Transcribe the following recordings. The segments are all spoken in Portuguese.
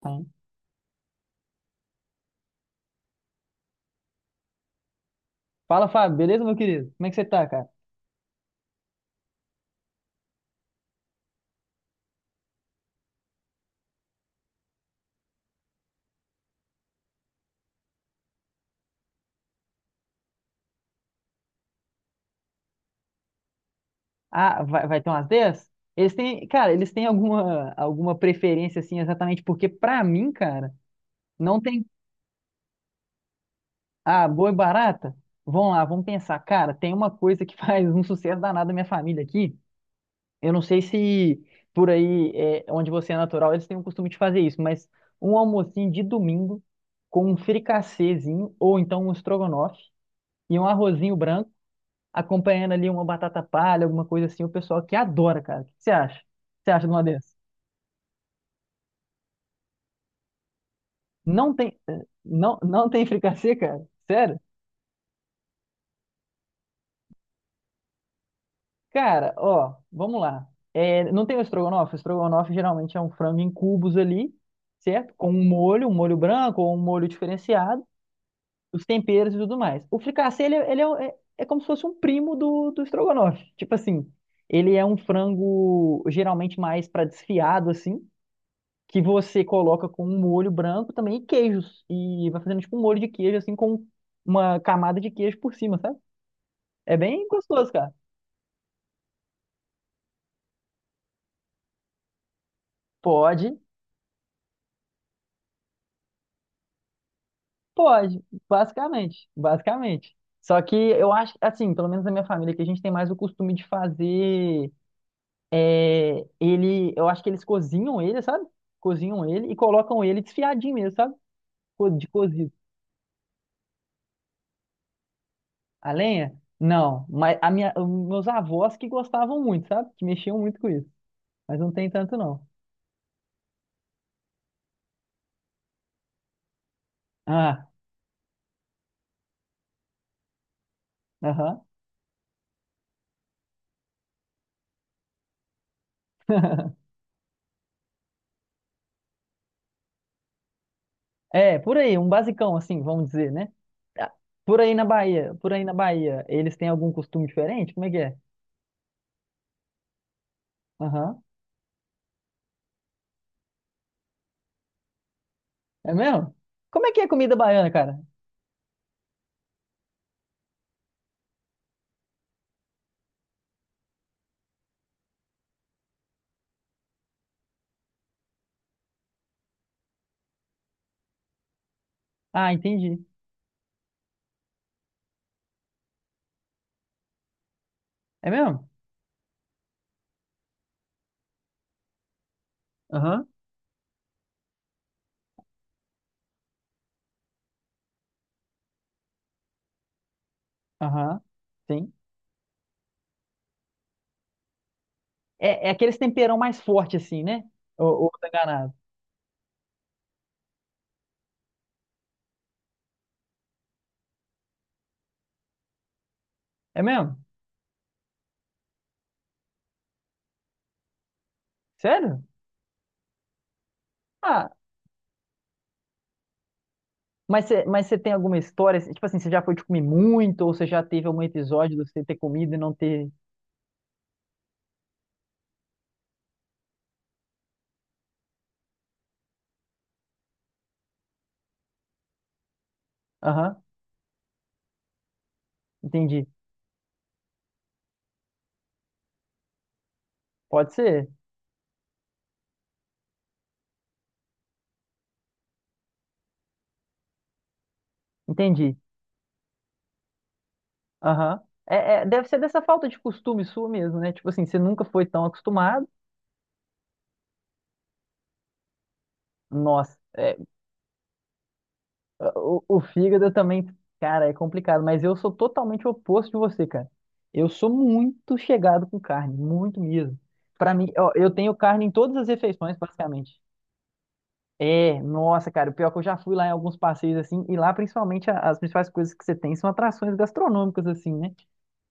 Então, Fala, Fábio, beleza, meu querido? Como é que você tá, cara? Ah, vai ter umas 10. Eles têm, cara, eles têm alguma preferência, assim, exatamente porque, pra mim, cara, não tem. Ah, boa e barata? Vamos lá, vamos pensar. Cara, tem uma coisa que faz um sucesso danado na minha família aqui. Eu não sei se por aí, é, onde você é natural, eles têm o costume de fazer isso, mas um almocinho de domingo com um fricassezinho ou então um estrogonofe e um arrozinho branco acompanhando ali uma batata palha, alguma coisa assim, o pessoal que adora, cara. O que você acha? O que você acha de uma dessa? Não tem, não, não tem fricassê, cara? Sério? Cara, ó, vamos lá. É, não tem o estrogonofe? O estrogonofe geralmente é um frango em cubos ali, certo? Com um molho branco ou um molho diferenciado, os temperos e tudo mais. O fricassê, ele é como se fosse um primo do estrogonofe. Tipo assim, ele é um frango geralmente mais para desfiado, assim, que você coloca com um molho branco também e queijos. E vai fazendo tipo um molho de queijo, assim, com uma camada de queijo por cima, sabe? É bem gostoso, cara. Pode, pode, basicamente, basicamente. Só que eu acho, assim, pelo menos na minha família, que a gente tem mais o costume de fazer é ele, eu acho que eles cozinham ele, sabe? Cozinham ele e colocam ele desfiadinho mesmo, sabe? De cozido. A lenha? Não, mas a minha, os meus avós que gostavam muito, sabe? Que mexiam muito com isso. Mas não tem tanto, não. Ah, aham. É, por aí, um basicão, assim, vamos dizer, né? Ah, Por aí na Bahia, eles têm algum costume diferente? Como é que é? Aham. É mesmo? Como é que é comida baiana, cara? Ah, entendi. É mesmo? Aham. Aham. Sim. É, é aqueles temperão mais forte, assim, né? Ou eu tô enganado. É mesmo? Sério? Ah, mas você tem alguma história, assim, tipo assim, você já foi de comer muito, ou você já teve algum episódio de você ter comido e não ter... Aham, entendi. Pode ser. Entendi. Aham. É, é, deve ser dessa falta de costume sua mesmo, né? Tipo assim, você nunca foi tão acostumado. Nossa, é, o fígado também, cara, é complicado, mas eu sou totalmente oposto de você, cara. Eu sou muito chegado com carne, muito mesmo. Pra mim, ó, eu tenho carne em todas as refeições, basicamente. É, nossa, cara, o pior é que eu já fui lá em alguns passeios assim, e lá principalmente as principais coisas que você tem são atrações gastronômicas, assim, né?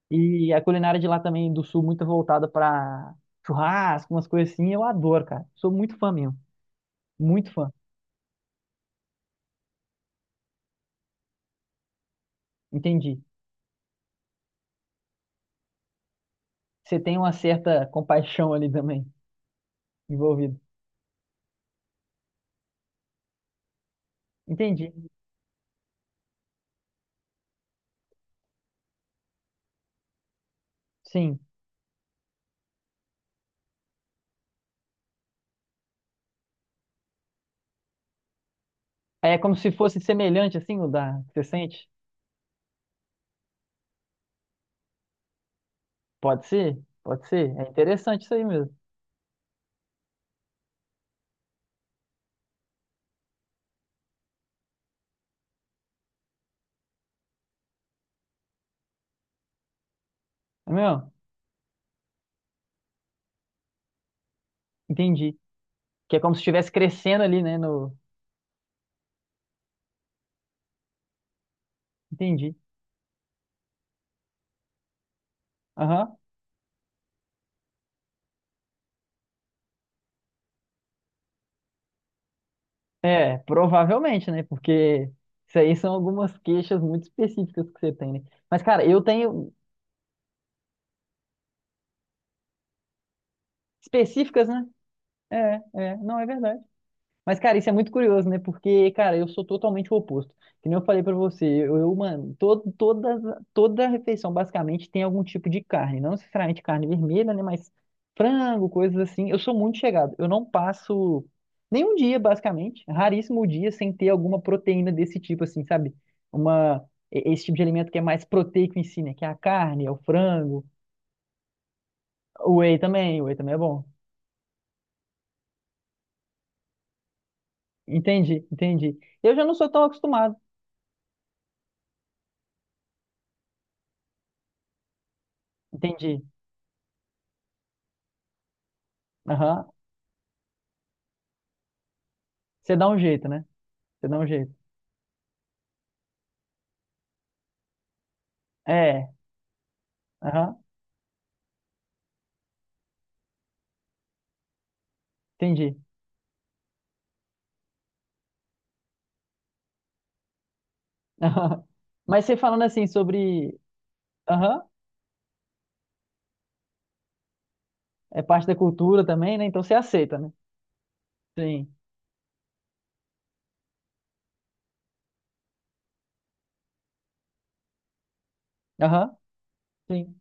E a culinária de lá também do sul muito voltada para churrasco, umas coisas assim, eu adoro, cara. Sou muito fã mesmo, muito fã. Entendi. Você tem uma certa compaixão ali também envolvida. Entendi. Sim. É como se fosse semelhante assim o da que você sente? Pode ser? Pode ser. É interessante isso aí mesmo. É mesmo? Entendi. Que é como se estivesse crescendo ali, né, no. Entendi. Aham. É, provavelmente, né? Porque isso aí são algumas queixas muito específicas que você tem, né? Mas, cara, eu tenho. Específicas, né? É, é, não é verdade. Mas, cara, isso é muito curioso, né? Porque, cara, eu sou totalmente o oposto. Que nem eu falei pra você, mano, toda refeição basicamente tem algum tipo de carne. Não necessariamente carne vermelha, né? Mas frango, coisas assim. Eu sou muito chegado. Eu não passo nenhum dia, basicamente, raríssimo dia, sem ter alguma proteína desse tipo, assim, sabe? Uma, esse tipo de alimento que é mais proteico em si, né? Que é a carne, é o frango. O whey também é bom. Entendi, entendi. Eu já não sou tão acostumado. Entendi. Aham. Você dá um jeito, né? Você dá um jeito. É. Aham. Entendi. Aham. Mas você falando assim sobre. Aham. É parte da cultura também, né? Então você aceita, né? Sim. Aham. Sim.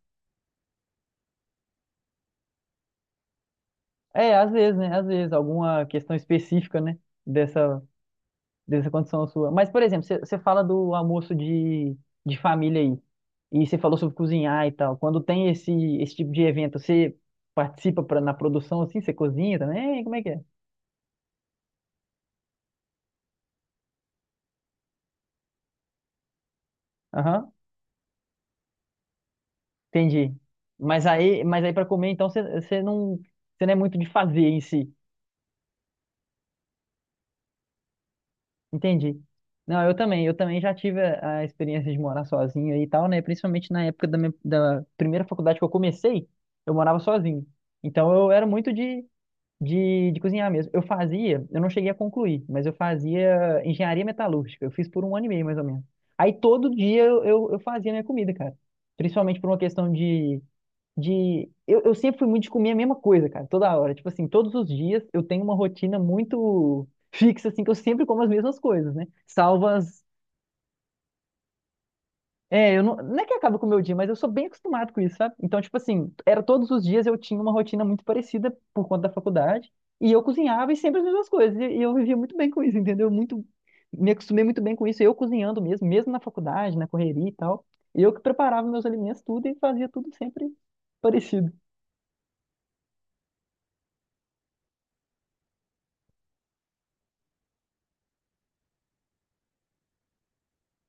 É, às vezes, né? Às vezes, alguma questão específica, né? Dessa. Dessa condição sua. Mas, por exemplo, você fala do almoço de família aí, e você falou sobre cozinhar e tal. Quando tem esse tipo de evento, você participa pra, na produção assim? Você cozinha também? Como é que é? Aham, entendi. Mas aí para comer, então você não, você não é muito de fazer em si. Entendi. Não, eu também já tive a experiência de morar sozinho e tal, né? Principalmente na época da primeira faculdade que eu comecei, eu morava sozinho. Então eu era muito de de cozinhar mesmo. Eu fazia, eu não cheguei a concluir, mas eu fazia engenharia metalúrgica. Eu fiz por 1 ano e meio, mais ou menos. Aí todo dia eu fazia minha comida, cara. Principalmente por uma questão de... Eu sempre fui muito de comer a mesma coisa, cara, toda hora. Tipo assim, todos os dias eu tenho uma rotina muito fixa, assim, que eu sempre como as mesmas coisas, né? Salvo as, é, eu não, não é que acaba com o meu dia, mas eu sou bem acostumado com isso, sabe? Então, tipo assim, era todos os dias eu tinha uma rotina muito parecida por conta da faculdade, e eu cozinhava e sempre as mesmas coisas, e eu vivia muito bem com isso, entendeu? Muito, me acostumei muito bem com isso, eu cozinhando mesmo, mesmo na faculdade, na correria e tal, eu que preparava meus alimentos, tudo, e fazia tudo sempre parecido.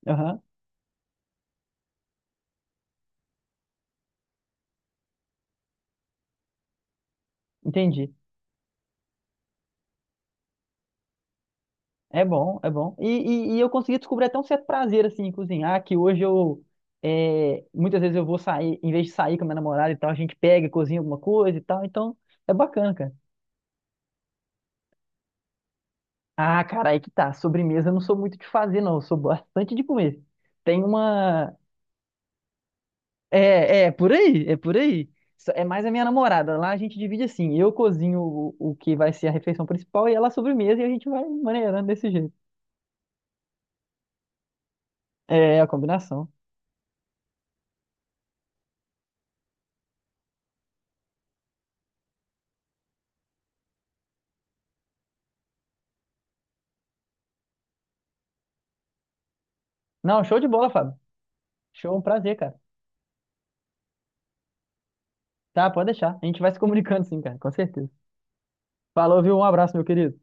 Aham, entendi. É bom, é bom. E eu consegui descobrir até um certo prazer, assim, em cozinhar, que hoje eu, é, muitas vezes eu vou sair, em vez de sair com a minha namorada e tal, a gente pega e cozinha alguma coisa e tal, então é bacana, cara. Ah, cara, aí que tá. Sobremesa eu não sou muito de fazer, não. Eu sou bastante de comer. Tem uma... É, é, por aí, é por aí. É mais a minha namorada. Lá a gente divide assim, eu cozinho o que vai ser a refeição principal e ela a sobremesa e a gente vai maneirando desse jeito. É a combinação. Não, show de bola, Fábio. Show, um prazer, cara. Tá, pode deixar. A gente vai se comunicando sim, cara, com certeza. Falou, viu? Um abraço, meu querido.